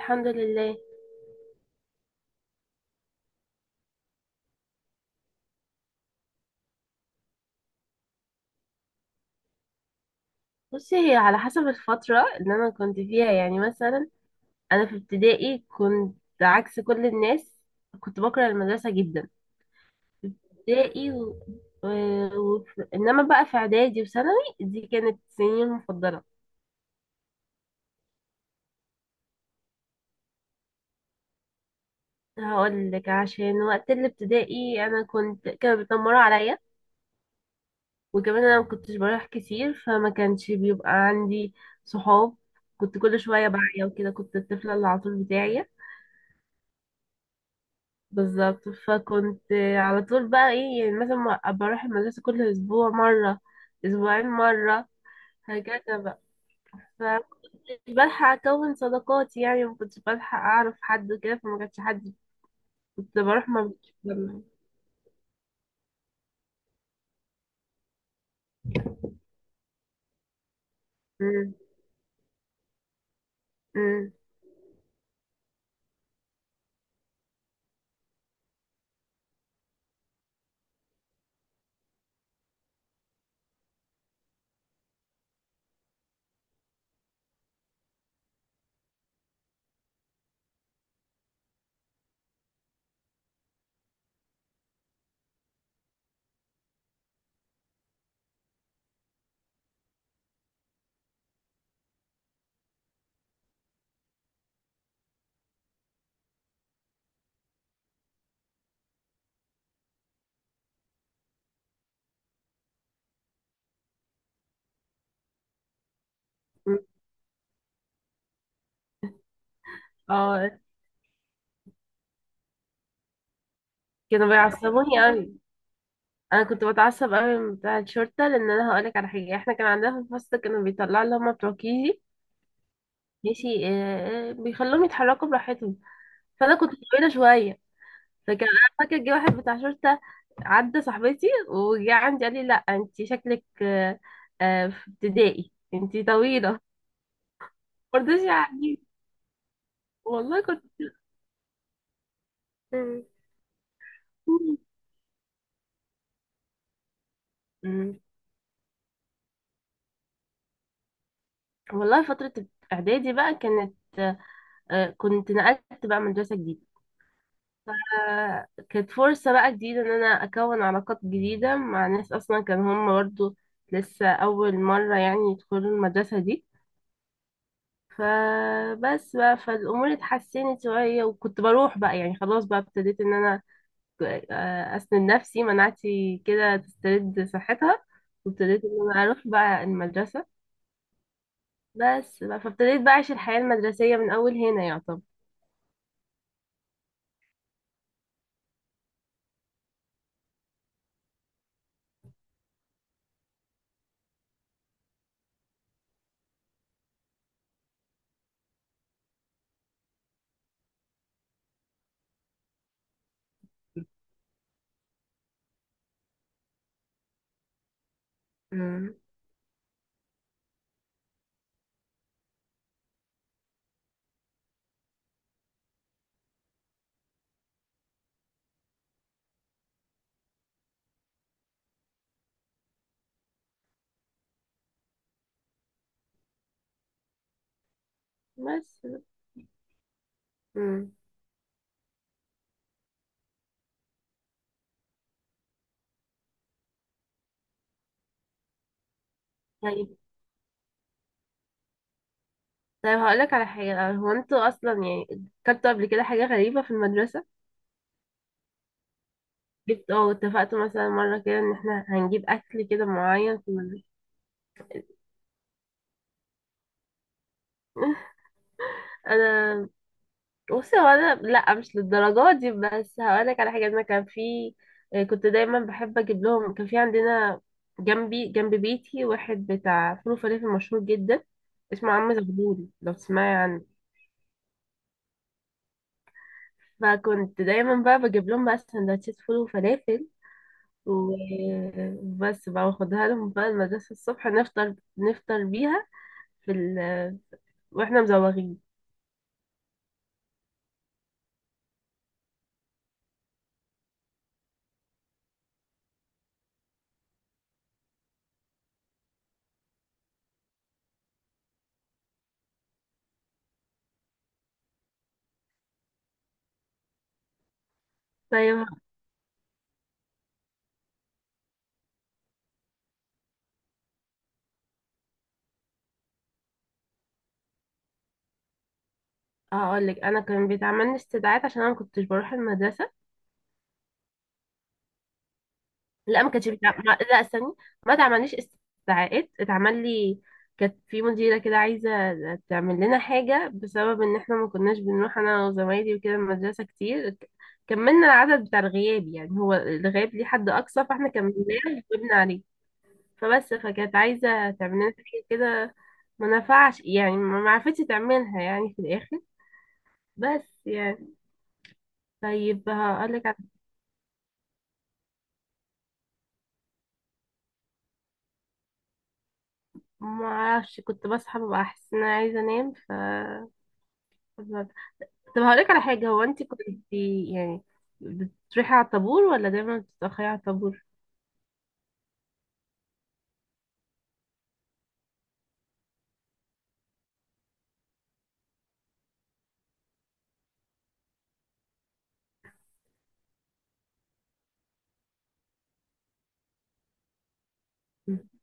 الحمد لله. بصي، هي على حسب الفترة اللي أنا كنت فيها يعني. مثلا أنا في ابتدائي كنت عكس كل الناس، كنت بكره المدرسة جدا. في ابتدائي و... إنما بقى في إعدادي وثانوي، دي كانت سنين المفضلة. هقول لك، عشان وقت الابتدائي أنا كنت كانوا بيتنمروا عليا. وكمان أنا ما كنتش بروح كتير، فما كانش بيبقى عندي صحاب. كنت كل شوية بعيا وكده، كنت الطفلة اللي على طول بتاعي. بالظبط. فكنت على طول بقى ايه، يعني مثلا أبقى اروح المدرسة كل اسبوع مرة، اسبوعين مرة، هكذا بقى. فمكنتش بلحق اكون صداقات، يعني مكنتش بلحق اعرف حد وكده، فما كانش حد. كنت بروح ما بقتش بلحق. أمم. أمم. أمم. اه. كانوا بيعصبوني قوي. انا كنت بتعصب قوي من بتاع الشرطة، لان انا هقولك على حاجة، احنا كان عندنا في الفصل كانوا بيطلعوا اللي هما بتوع كيجي. ماشي، بيخلوهم يتحركوا براحتهم. فانا كنت طويلة شوية. فكان انا فاكر جه واحد بتاع شرطه، عدى صاحبتي وجه عندي قال لي لا انت شكلك في ابتدائي انت طويله. مرضيش يعني. والله كنت. مم. مم. والله فتره اعدادي بقى كانت، كنت نقلت بقى مدرسه جديده. كانت فرصه بقى جديده ان انا اكون علاقات جديده مع ناس اصلا كان هم برضه لسه اول مره يعني يدخلوا المدرسه دي. فبس بقى، فالامور اتحسنت شويه، وكنت بروح بقى يعني. خلاص بقى ابتديت ان انا اسند نفسي، مناعتي كده تسترد صحتها. وابتديت ان انا اروح بقى المدرسه بس بقى. فابتديت بقى اعيش الحياه المدرسيه من اول هنا يعتبر. مم. بس. مم. طيب طيب، هقولك على حاجه. هو انتوا اصلا يعني كلتوا قبل كده حاجه غريبه في المدرسه؟ جبت، اتفقتوا مثلا مره كده ان احنا هنجيب اكل كده معين في المدرسه؟ انا. بصي هو انا لا، مش للدرجه دي، بس هقولك على حاجه. انا كان في، كنت دايما بحب اجيب لهم. كان في عندنا جنب بيتي واحد بتاع فول وفلافل مشهور جدا اسمه عم زغلول، لو تسمعي عنه. فكنت دايما بقى بجيب لهم بقى سندوتشات فول وفلافل. وبس بقى، واخدها لهم بقى المدرسه الصبح نفطر نفطر بيها في ال... واحنا مزوغين. طيب هقولك. انا كان بيتعمل لي استدعاءات عشان انا ما كنتش بروح المدرسه. لا، ما كانتش بتع... ما... لا استني، ما اتعمليش استدعاءات. اتعمل لي، كانت في مديرة كده عايزة تعمل لنا حاجة، بسبب ان احنا ما كناش بنروح انا وزمايلي وكده المدرسة كتير، كملنا العدد بتاع الغياب. يعني هو الغياب ليه حد اقصى، فاحنا كملناه وجبنا عليه. فبس، فكانت عايزة تعمل لنا حاجة كده، ما نفعش يعني، ما عرفتش تعملها يعني في الاخر. بس يعني. طيب ما اعرفش، كنت بصحى ببقى احس ان انا عايزة انام. طب هقولك على حاجة. هو انت كنت يعني بتروحي على الطابور، ولا دايما بتتأخري على الطابور؟ مم.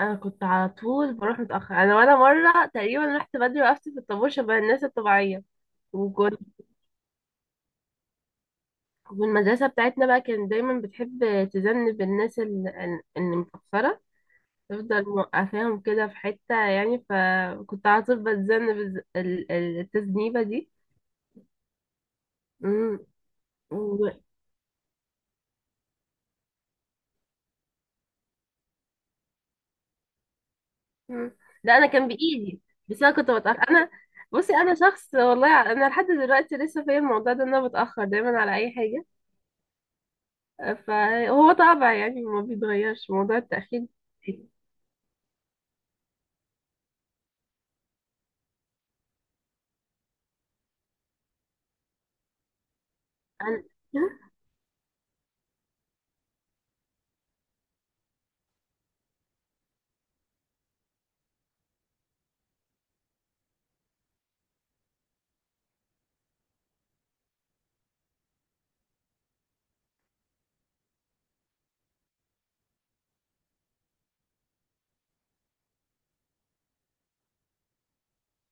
انا كنت على طول بروح متأخر، انا ولا مرة تقريبا رحت بدري وقفت في الطابور شبه الناس الطبيعية. وكنت والمدرسة بتاعتنا بقى كانت دايما بتحب تذنب الناس، اللي متأخرة، تفضل موقفاهم كده في حتة يعني. فكنت على طول بتذنب التذنيبة دي. مم. مم. ده انا كان بايدي. بس انا كنت بتاخر انا. بصي، انا شخص والله، انا لحد دلوقتي لسه فيا الموضوع ده، ان انا بتاخر دايما على اي حاجه. فهو طبع يعني، ما بيتغيرش موضوع التاخير. انا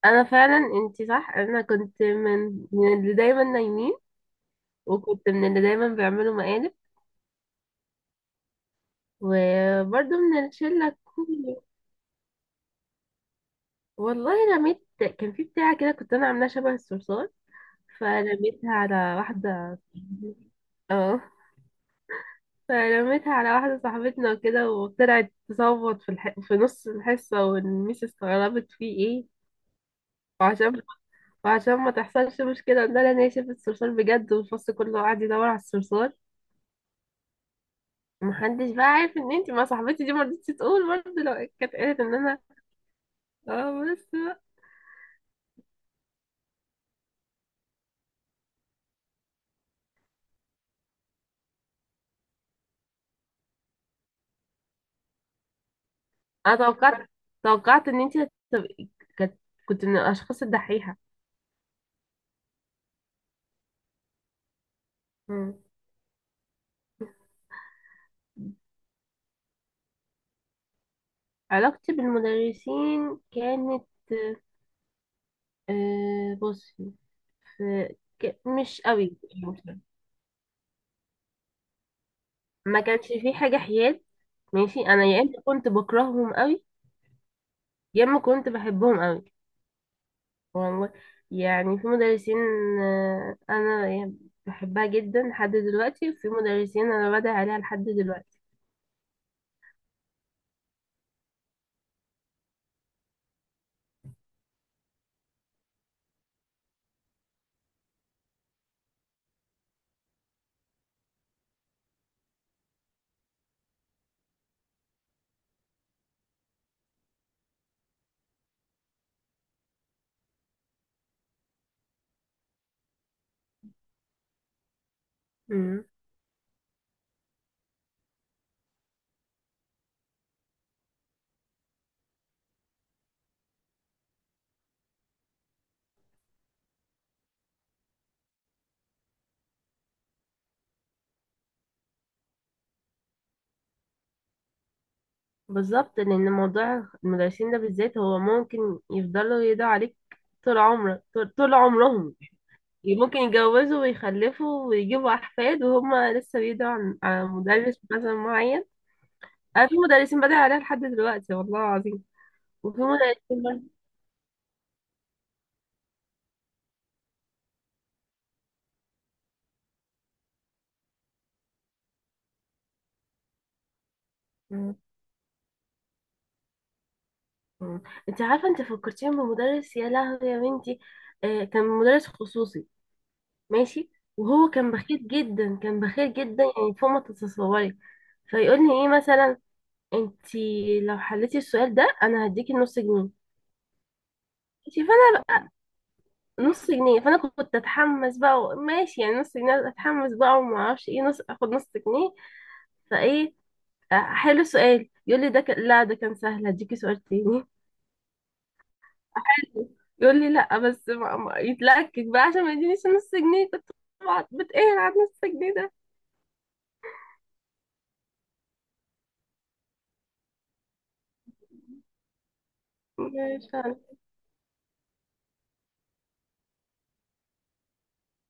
انا فعلا انتي صح. انا كنت من اللي دايما نايمين، وكنت من اللي دايما بيعملوا مقالب، وبرضه من الشله كله. والله رميت. كان في بتاعه كده كنت انا عاملاها شبه الصرصار، فرميتها على واحده. اه. فرميتها على واحدة صاحبتنا وكده، وطلعت تصوت في نص الحصة، والميس استغربت في ايه. وعشان وعشان ما تحصلش مشكلة قلنا لها ان هي شافت الصرصار بجد، والفصل كله قعد يدور على الصرصار. محدش بقى عارف ان انتي مع صاحبتي دي، مرضتش تقول برضه، لو كانت قالت ان انا. اه بس بقى. انا توقعت ان انتي هتبقي كانت كنت من الاشخاص الدحيحة. مم. علاقتي بالمدرسين كانت، بصي مش قوي يعني. ما كانش في حاجة حياد. ماشي، انا يا اما كنت بكرههم قوي، يا اما كنت بحبهم قوي. والله يعني في مدرسين، انا يعني بحبها جدا لحد دلوقتي، وفي مدرسين انا بدعي عليها لحد دلوقتي. مم. بالظبط، لان موضوع المدرسين ده بالذات هو ممكن يفضلوا يدعوا عليك طول عمرك، طول عمرهم. ممكن يتجوزوا ويخلفوا ويجيبوا احفاد وهم لسه بيدعوا عن مدرس مثلا معين. انا في مدرسين بدأ عليها لحد دلوقتي، والله العظيم. وفي مدرسين مم. مم. انت عارفه، انت فكرتيني بمدرس، يا لهوي يا بنتي. كان مدرس خصوصي. ماشي. وهو كان بخيل جدا، كان بخيل جدا يعني، فوق ما تتصوري. فيقول لي ايه مثلا، انت لو حليتي السؤال ده انا هديكي نص جنيه. ماشي. فانا نص جنيه، فانا كنت اتحمس بقى ماشي يعني نص جنيه، اتحمس بقى وما اعرفش ايه نص اخد نص جنيه. فايه، حلو السؤال، يقول لي ده كان، لا ده كان سهل، هديكي سؤال تاني. يقول لي لا بس ما... ما... يتلكك بقى عشان ما يدينيش نص جنيه. كنت بقعد بتقهر على نص جنيه ده. مش عارف.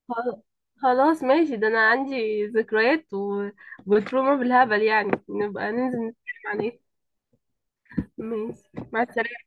خل- خلاص ماشي، ده انا عندي ذكريات وتروما بالهبل يعني، نبقى ننزل نتكلم عن ايه؟ ماشي، مع السلامة.